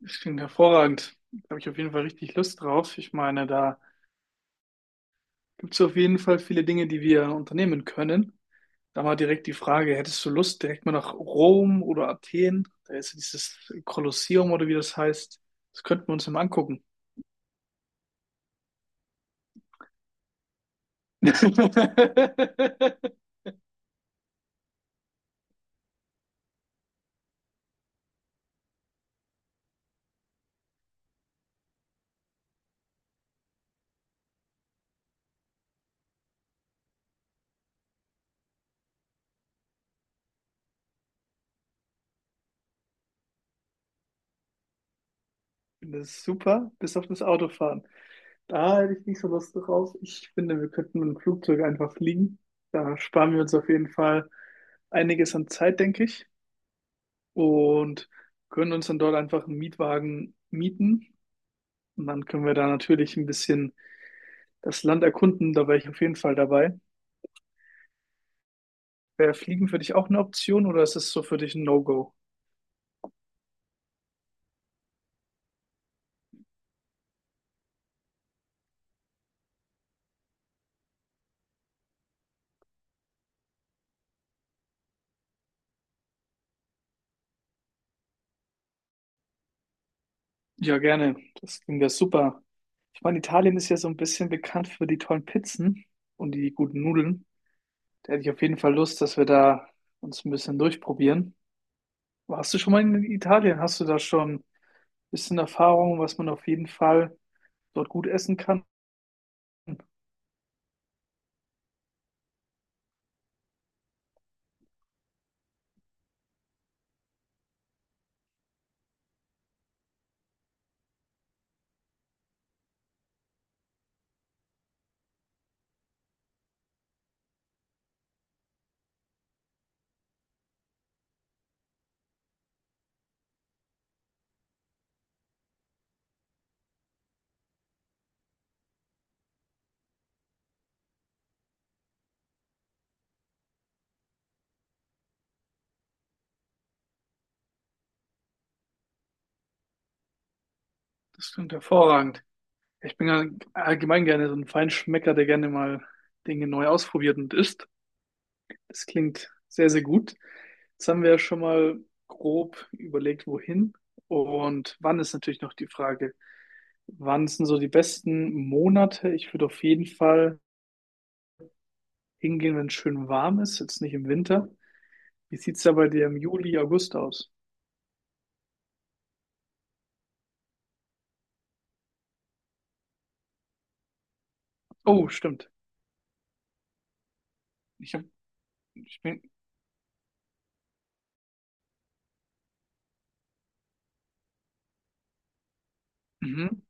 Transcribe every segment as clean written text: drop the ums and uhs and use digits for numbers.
Das klingt hervorragend. Da habe ich auf jeden Fall richtig Lust drauf. Ich meine, da gibt es auf jeden Fall viele Dinge, die wir unternehmen können. Da mal direkt die Frage, hättest du Lust, direkt mal nach Rom oder Athen? Da ist ja dieses Kolosseum oder wie das heißt. Das könnten wir uns ja mal angucken. Ich finde das super, bis auf das Autofahren. Da hätte ich nicht so Lust drauf. Ich finde, wir könnten mit dem Flugzeug einfach fliegen. Da sparen wir uns auf jeden Fall einiges an Zeit, denke ich, und können uns dann dort einfach einen Mietwagen mieten. Und dann können wir da natürlich ein bisschen das Land erkunden. Da wäre ich auf jeden Fall dabei. Wäre Fliegen für dich auch eine Option oder ist es so für dich ein No-Go? Ja, gerne. Das klingt ja super. Ich meine, Italien ist ja so ein bisschen bekannt für die tollen Pizzen und die guten Nudeln. Da hätte ich auf jeden Fall Lust, dass wir da uns ein bisschen durchprobieren. Warst du schon mal in Italien? Hast du da schon ein bisschen Erfahrung, was man auf jeden Fall dort gut essen kann? Das klingt hervorragend. Ich bin ja allgemein gerne so ein Feinschmecker, der gerne mal Dinge neu ausprobiert und isst. Das klingt sehr, sehr gut. Jetzt haben wir ja schon mal grob überlegt, wohin. Und wann ist natürlich noch die Frage. Wann sind so die besten Monate? Ich würde auf jeden Fall hingehen, wenn es schön warm ist, jetzt nicht im Winter. Wie sieht es da bei dir im Juli, August aus? Oh, stimmt. Ich hab, ich bin, mhm.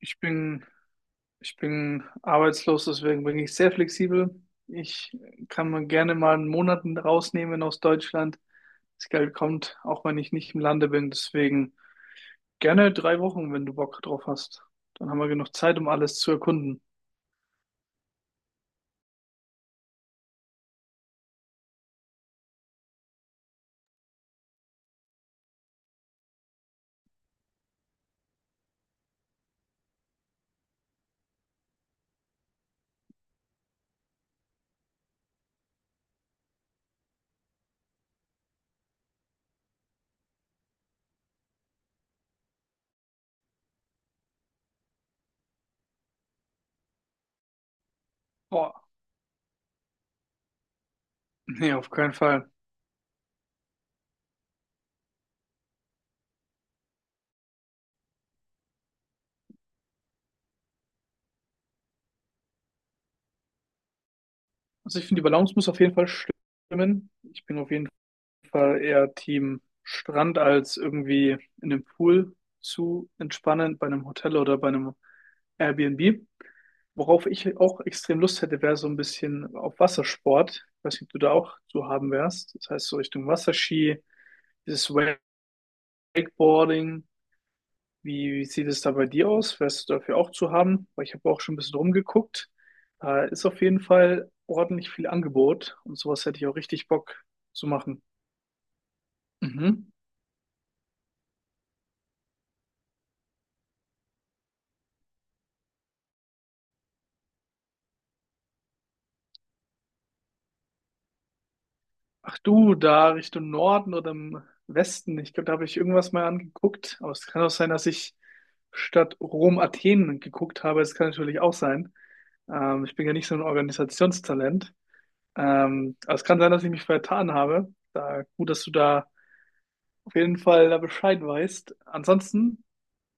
Ich bin, ich bin arbeitslos, deswegen bin ich sehr flexibel. Ich kann mir gerne mal einen Monat rausnehmen aus Deutschland. Das Geld kommt, auch wenn ich nicht im Lande bin. Deswegen gerne 3 Wochen, wenn du Bock drauf hast. Dann haben wir genug Zeit, um alles zu erkunden. Boah, nee, auf keinen Fall. Also ich finde, die Balance muss auf jeden Fall stimmen. Ich bin auf jeden Fall eher Team Strand als irgendwie in einem Pool zu entspannen bei einem Hotel oder bei einem Airbnb. Worauf ich auch extrem Lust hätte, wäre so ein bisschen auf Wassersport. Ich weiß nicht, ob du da auch zu haben wärst. Das heißt, so Richtung Wasserski, dieses Wakeboarding. Wie sieht es da bei dir aus? Wärst du dafür auch zu haben? Weil ich habe auch schon ein bisschen rumgeguckt. Da ist auf jeden Fall ordentlich viel Angebot und sowas hätte ich auch richtig Bock zu machen. Mhm. Ach du, da Richtung Norden oder im Westen. Ich glaube, da habe ich irgendwas mal angeguckt. Aber es kann auch sein, dass ich statt Rom Athen geguckt habe. Es kann natürlich auch sein. Ich bin ja nicht so ein Organisationstalent. Aber es kann sein, dass ich mich vertan habe. Da, gut, dass du da auf jeden Fall da Bescheid weißt. Ansonsten,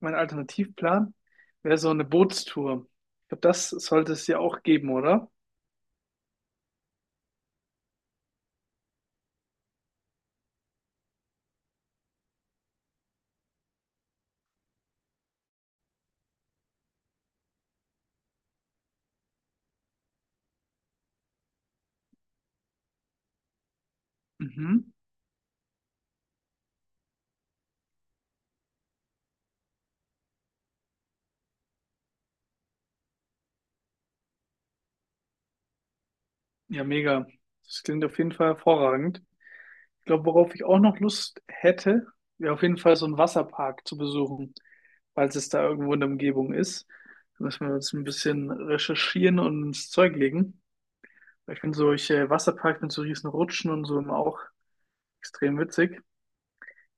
mein Alternativplan wäre so eine Bootstour. Ich glaube, das sollte es ja auch geben, oder? Mhm. Ja, mega. Das klingt auf jeden Fall hervorragend. Ich glaube, worauf ich auch noch Lust hätte, wäre auf jeden Fall so einen Wasserpark zu besuchen, falls es da irgendwo in der Umgebung ist. Da müssen wir uns ein bisschen recherchieren und ins Zeug legen. Weil ich finde solche Wasserparks mit so riesen Rutschen und so immer auch extrem witzig.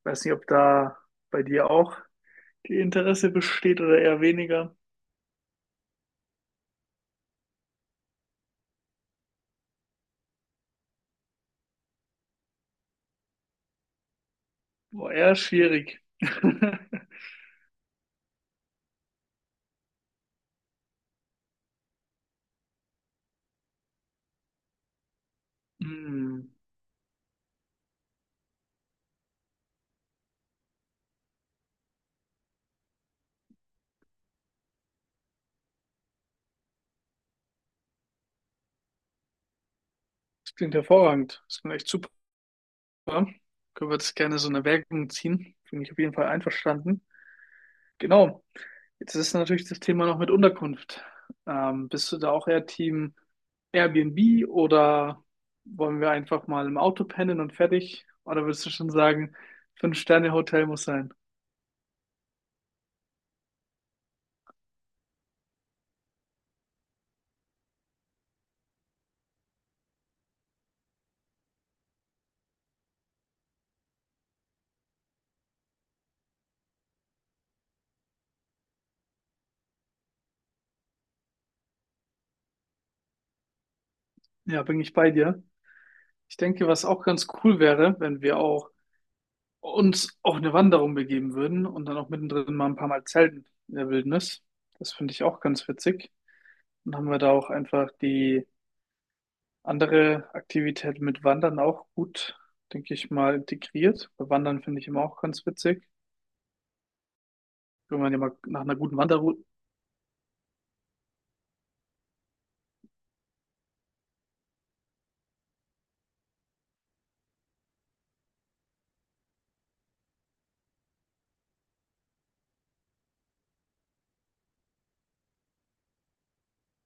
Weiß nicht, ob da bei dir auch die Interesse besteht oder eher weniger. Boah, eher schwierig. Hm, das klingt hervorragend. Das klingt echt super. Können wir das gerne so in Erwägung ziehen? Bin ich auf jeden Fall einverstanden. Genau. Jetzt ist natürlich das Thema noch mit Unterkunft. Bist du da auch eher Team Airbnb oder wollen wir einfach mal im Auto pennen und fertig? Oder würdest du schon sagen, Fünf-Sterne-Hotel muss sein? Ja, bin ich bei dir. Ich denke, was auch ganz cool wäre, wenn wir auch uns auf eine Wanderung begeben würden und dann auch mittendrin mal ein paar Mal zelten in der Wildnis. Das finde ich auch ganz witzig. Und haben wir da auch einfach die andere Aktivität mit Wandern auch gut, denke ich mal, integriert. Bei Wandern finde ich immer auch ganz witzig. Wenn man immer nach einer guten Wanderroute.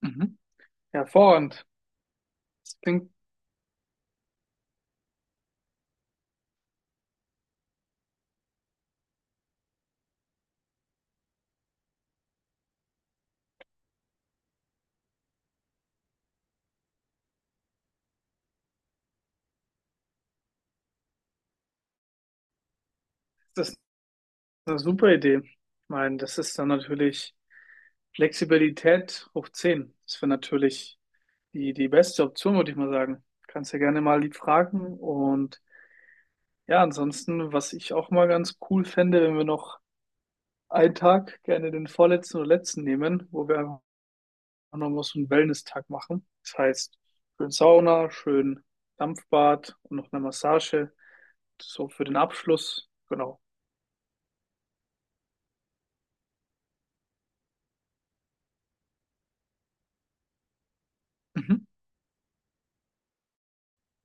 Mhm. Hervorragend. Das klingt, das ist eine super Idee. Ich meine, das ist dann natürlich Flexibilität hoch 10. Das wäre natürlich die beste Option, würde ich mal sagen. Kannst ja gerne mal lieb fragen. Und ja, ansonsten, was ich auch mal ganz cool fände, wenn wir noch einen Tag, gerne den vorletzten oder letzten nehmen, wo wir einfach nochmal so einen Wellness-Tag machen. Das heißt, schön Sauna, schön Dampfbad und noch eine Massage. So für den Abschluss. Genau. Mhm.